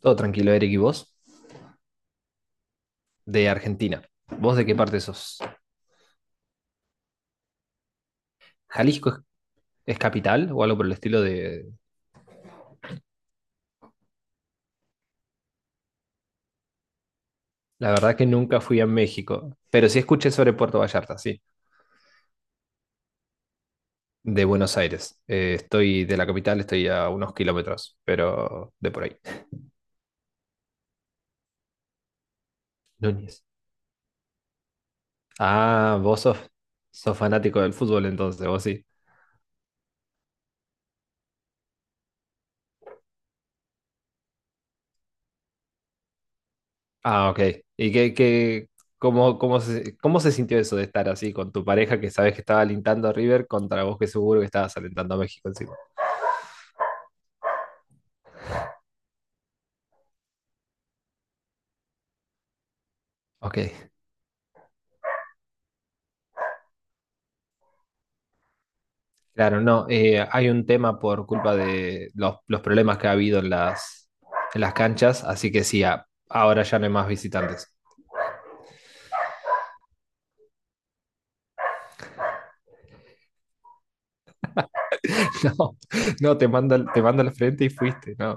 Todo tranquilo, Eric, ¿y vos? De Argentina. ¿Vos de qué parte sos? ¿Jalisco es capital o algo por el estilo de... La verdad que nunca fui a México, pero sí escuché sobre Puerto Vallarta, sí, de Buenos Aires. Estoy de la capital, estoy a unos kilómetros, pero de por ahí. Núñez. Ah, vos sos fanático del fútbol entonces, vos sí. Ah, ok. ¿Y qué, qué, cómo, cómo se sintió eso de estar así con tu pareja que sabes que estaba alentando a River contra vos que seguro que estabas alentando a México encima? Ok. Claro, no, hay un tema por culpa de los problemas que ha habido en las, canchas, así que sí, ahora ya no hay más visitantes. No, no, te mando al frente y fuiste, no,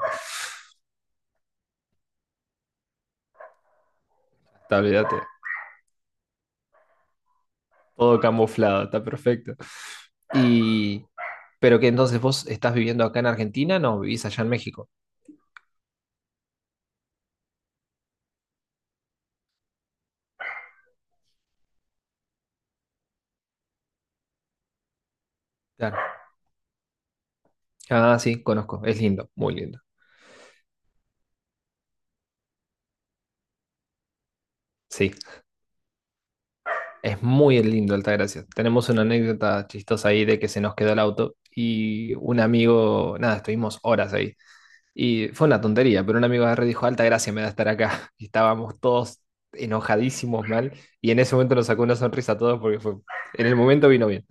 está, olvídate, todo camuflado, está perfecto. Y, pero que entonces vos estás viviendo acá en Argentina, no, vivís allá en México. Claro. Ah, sí, conozco, es lindo, muy lindo. Sí. Es muy lindo Altagracia. Tenemos una anécdota chistosa ahí de que se nos quedó el auto y un amigo, nada, estuvimos horas ahí. Y fue una tontería, pero un amigo agarró y dijo, Altagracia me da estar acá. Y estábamos todos enojadísimos mal y en ese momento nos sacó una sonrisa a todos porque fue, en el momento vino bien.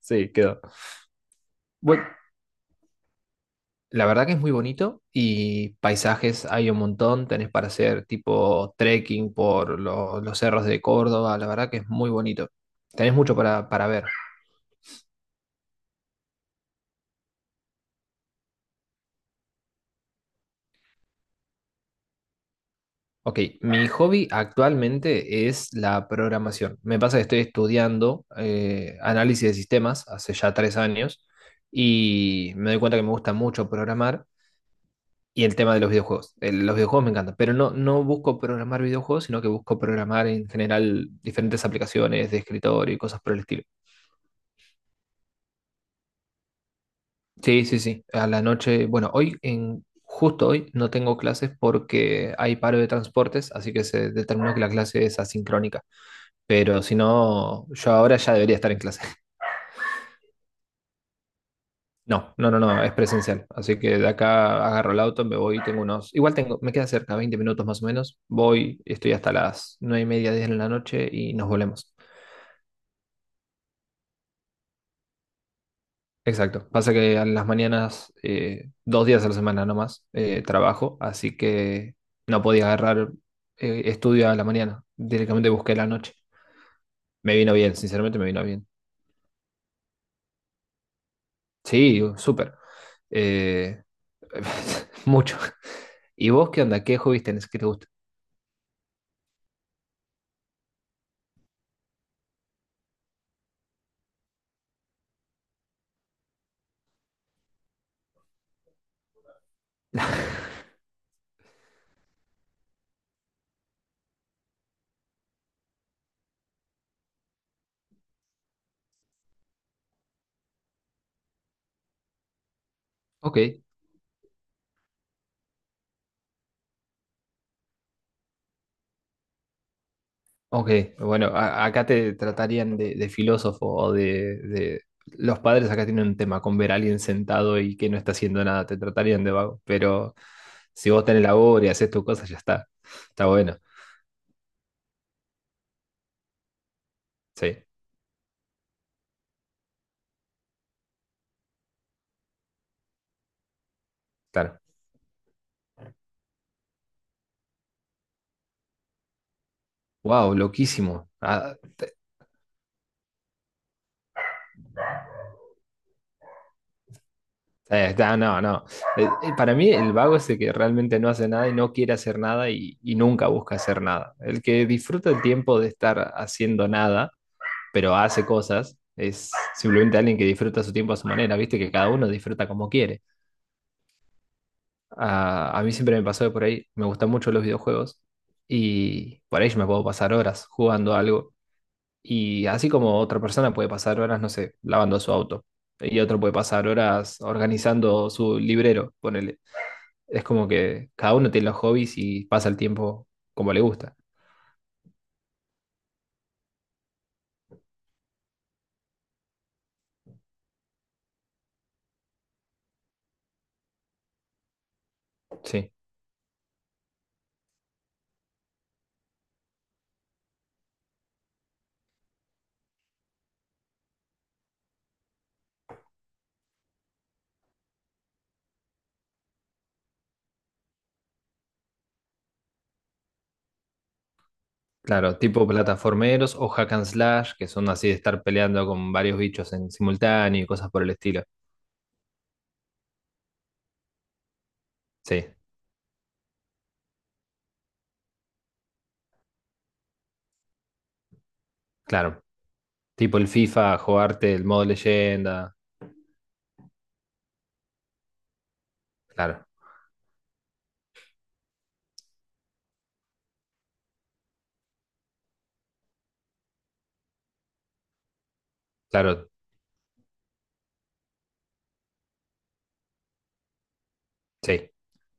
Sí, quedó. Bueno, la verdad que es muy bonito y paisajes hay un montón, tenés para hacer tipo trekking por los cerros de Córdoba, la verdad que es muy bonito. Tenés mucho para ver. Ok, mi hobby actualmente es la programación. Me pasa que estoy estudiando análisis de sistemas hace ya 3 años y me doy cuenta que me gusta mucho programar y el tema de los videojuegos. Los videojuegos me encantan, pero no, no busco programar videojuegos, sino que busco programar en general diferentes aplicaciones de escritorio y cosas por el estilo. Sí, sí, sí. A la noche, bueno, Justo hoy no tengo clases porque hay paro de transportes, así que se determinó que la clase es asincrónica. Pero si no, yo ahora ya debería estar en clase. No, no, no, no, es presencial. Así que de acá agarro el auto, me voy, tengo unos. Igual tengo, me queda cerca, 20 minutos más o menos. Voy, estoy hasta las 9:30, 10 de la noche y nos volvemos. Exacto. Pasa que a las mañanas, 2 días a la semana nomás, trabajo, así que no podía agarrar estudio a la mañana. Directamente busqué la noche. Me vino bien, sinceramente me vino bien. Sí, súper. Eh, Mucho. ¿Y vos qué onda? ¿Qué hobbies tenés? ¿Qué te gusta? Ok, ok. Bueno, acá te tratarían de, filósofo o los padres acá tienen un tema con ver a alguien sentado y que no está haciendo nada, te tratarían de vago. Pero si vos tenés labor y haces tus cosas, ya está. Está bueno. Sí, claro. Wow, loquísimo. Ah, no, no. Para mí el vago es el que realmente no hace nada y no quiere hacer nada y nunca busca hacer nada. El que disfruta el tiempo de estar haciendo nada, pero hace cosas, es simplemente alguien que disfruta su tiempo a su manera, viste que cada uno disfruta como quiere. A mí siempre me pasó de por ahí, me gustan mucho los videojuegos y por ahí yo me puedo pasar horas jugando algo. Y así como otra persona puede pasar horas, no sé, lavando su auto. Y otro puede pasar horas organizando su librero, ponele. Es como que cada uno tiene los hobbies y pasa el tiempo como le gusta. Sí, claro, tipo plataformeros o hack and slash, que son así de estar peleando con varios bichos en simultáneo y cosas por el estilo. Sí, claro. Tipo el FIFA, jugarte el modo leyenda. Claro, claro, sí.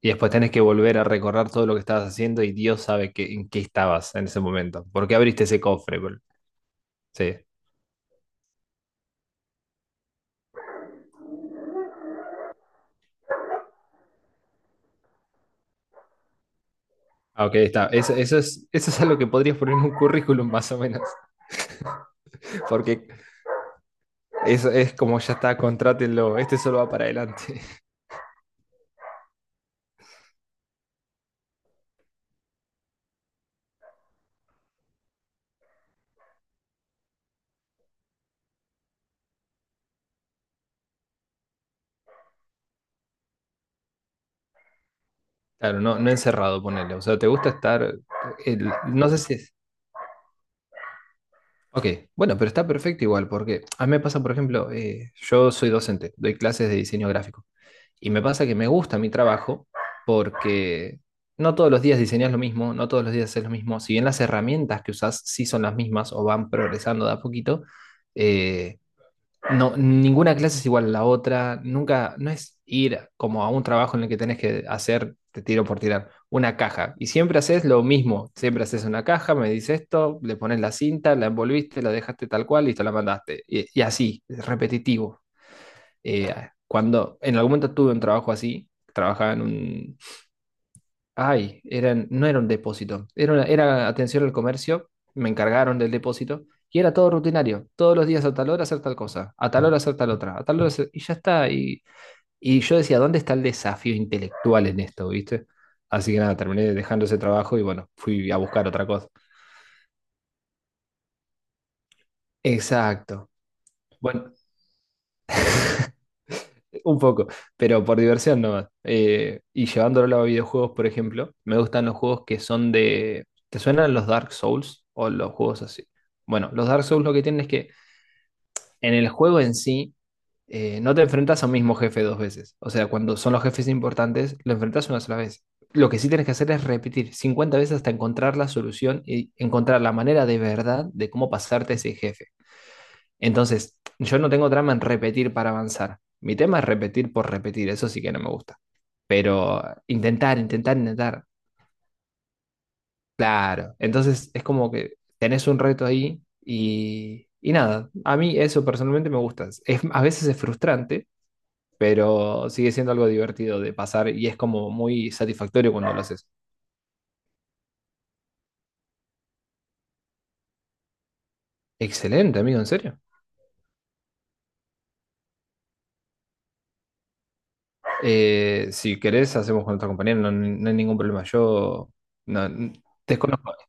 Y después tenés que volver a recorrer todo lo que estabas haciendo y Dios sabe que, en qué estabas en ese momento. ¿Por qué abriste ese cofre? Sí. Ah, ok, está. Eso es algo que podrías poner en un currículum más o menos. Porque es como ya está, contrátenlo, este solo va para adelante. Claro, no, no encerrado, ponele. O sea, te gusta estar. No sé si es. Ok, bueno, pero está perfecto igual, porque a mí me pasa, por ejemplo, yo soy docente, doy clases de diseño gráfico. Y me pasa que me gusta mi trabajo porque no todos los días diseñas lo mismo, no todos los días haces lo mismo. Si bien las herramientas que usas sí son las mismas o van progresando de a poquito, eh, no, ninguna clase es igual a la otra, nunca, no es ir como a un trabajo en el que tenés que hacer, te tiro por tirar, una caja. Y siempre haces lo mismo, siempre haces una caja, me dices esto, le pones la cinta, la envolviste, la dejaste tal cual, listo, la mandaste. Y así, es repetitivo. Eh, Cuando en algún momento tuve un trabajo así, trabajaba en un Ay, eran, no era un depósito, era atención al comercio, me encargaron del depósito y era todo rutinario, todos los días a tal hora hacer tal cosa, a tal hora hacer tal otra, a tal hora y ya está. Y yo decía, ¿dónde está el desafío intelectual en esto, viste? Así que nada, terminé dejando ese trabajo y bueno, fui a buscar otra cosa. Exacto. Bueno, un poco, pero por diversión nomás. Y llevándolo a videojuegos, por ejemplo, me gustan los juegos que son de... ¿Te suenan los Dark Souls o los juegos así? Bueno, los Dark Souls lo que tienen es que en el juego en sí no te enfrentas a un mismo jefe 2 veces. O sea, cuando son los jefes importantes, lo enfrentas una sola vez. Lo que sí tienes que hacer es repetir 50 veces hasta encontrar la solución y encontrar la manera de verdad de cómo pasarte ese jefe. Entonces, yo no tengo trama en repetir para avanzar. Mi tema es repetir por repetir, eso sí que no me gusta. Pero intentar, intentar, intentar. Claro. Entonces, es como que tenés un reto ahí y nada. A mí eso personalmente me gusta. A veces es frustrante, pero sigue siendo algo divertido de pasar y es como muy satisfactorio cuando lo haces. Excelente, amigo, en serio. Si querés, hacemos con otra compañera, no, no hay ningún problema. Yo no, desconozco.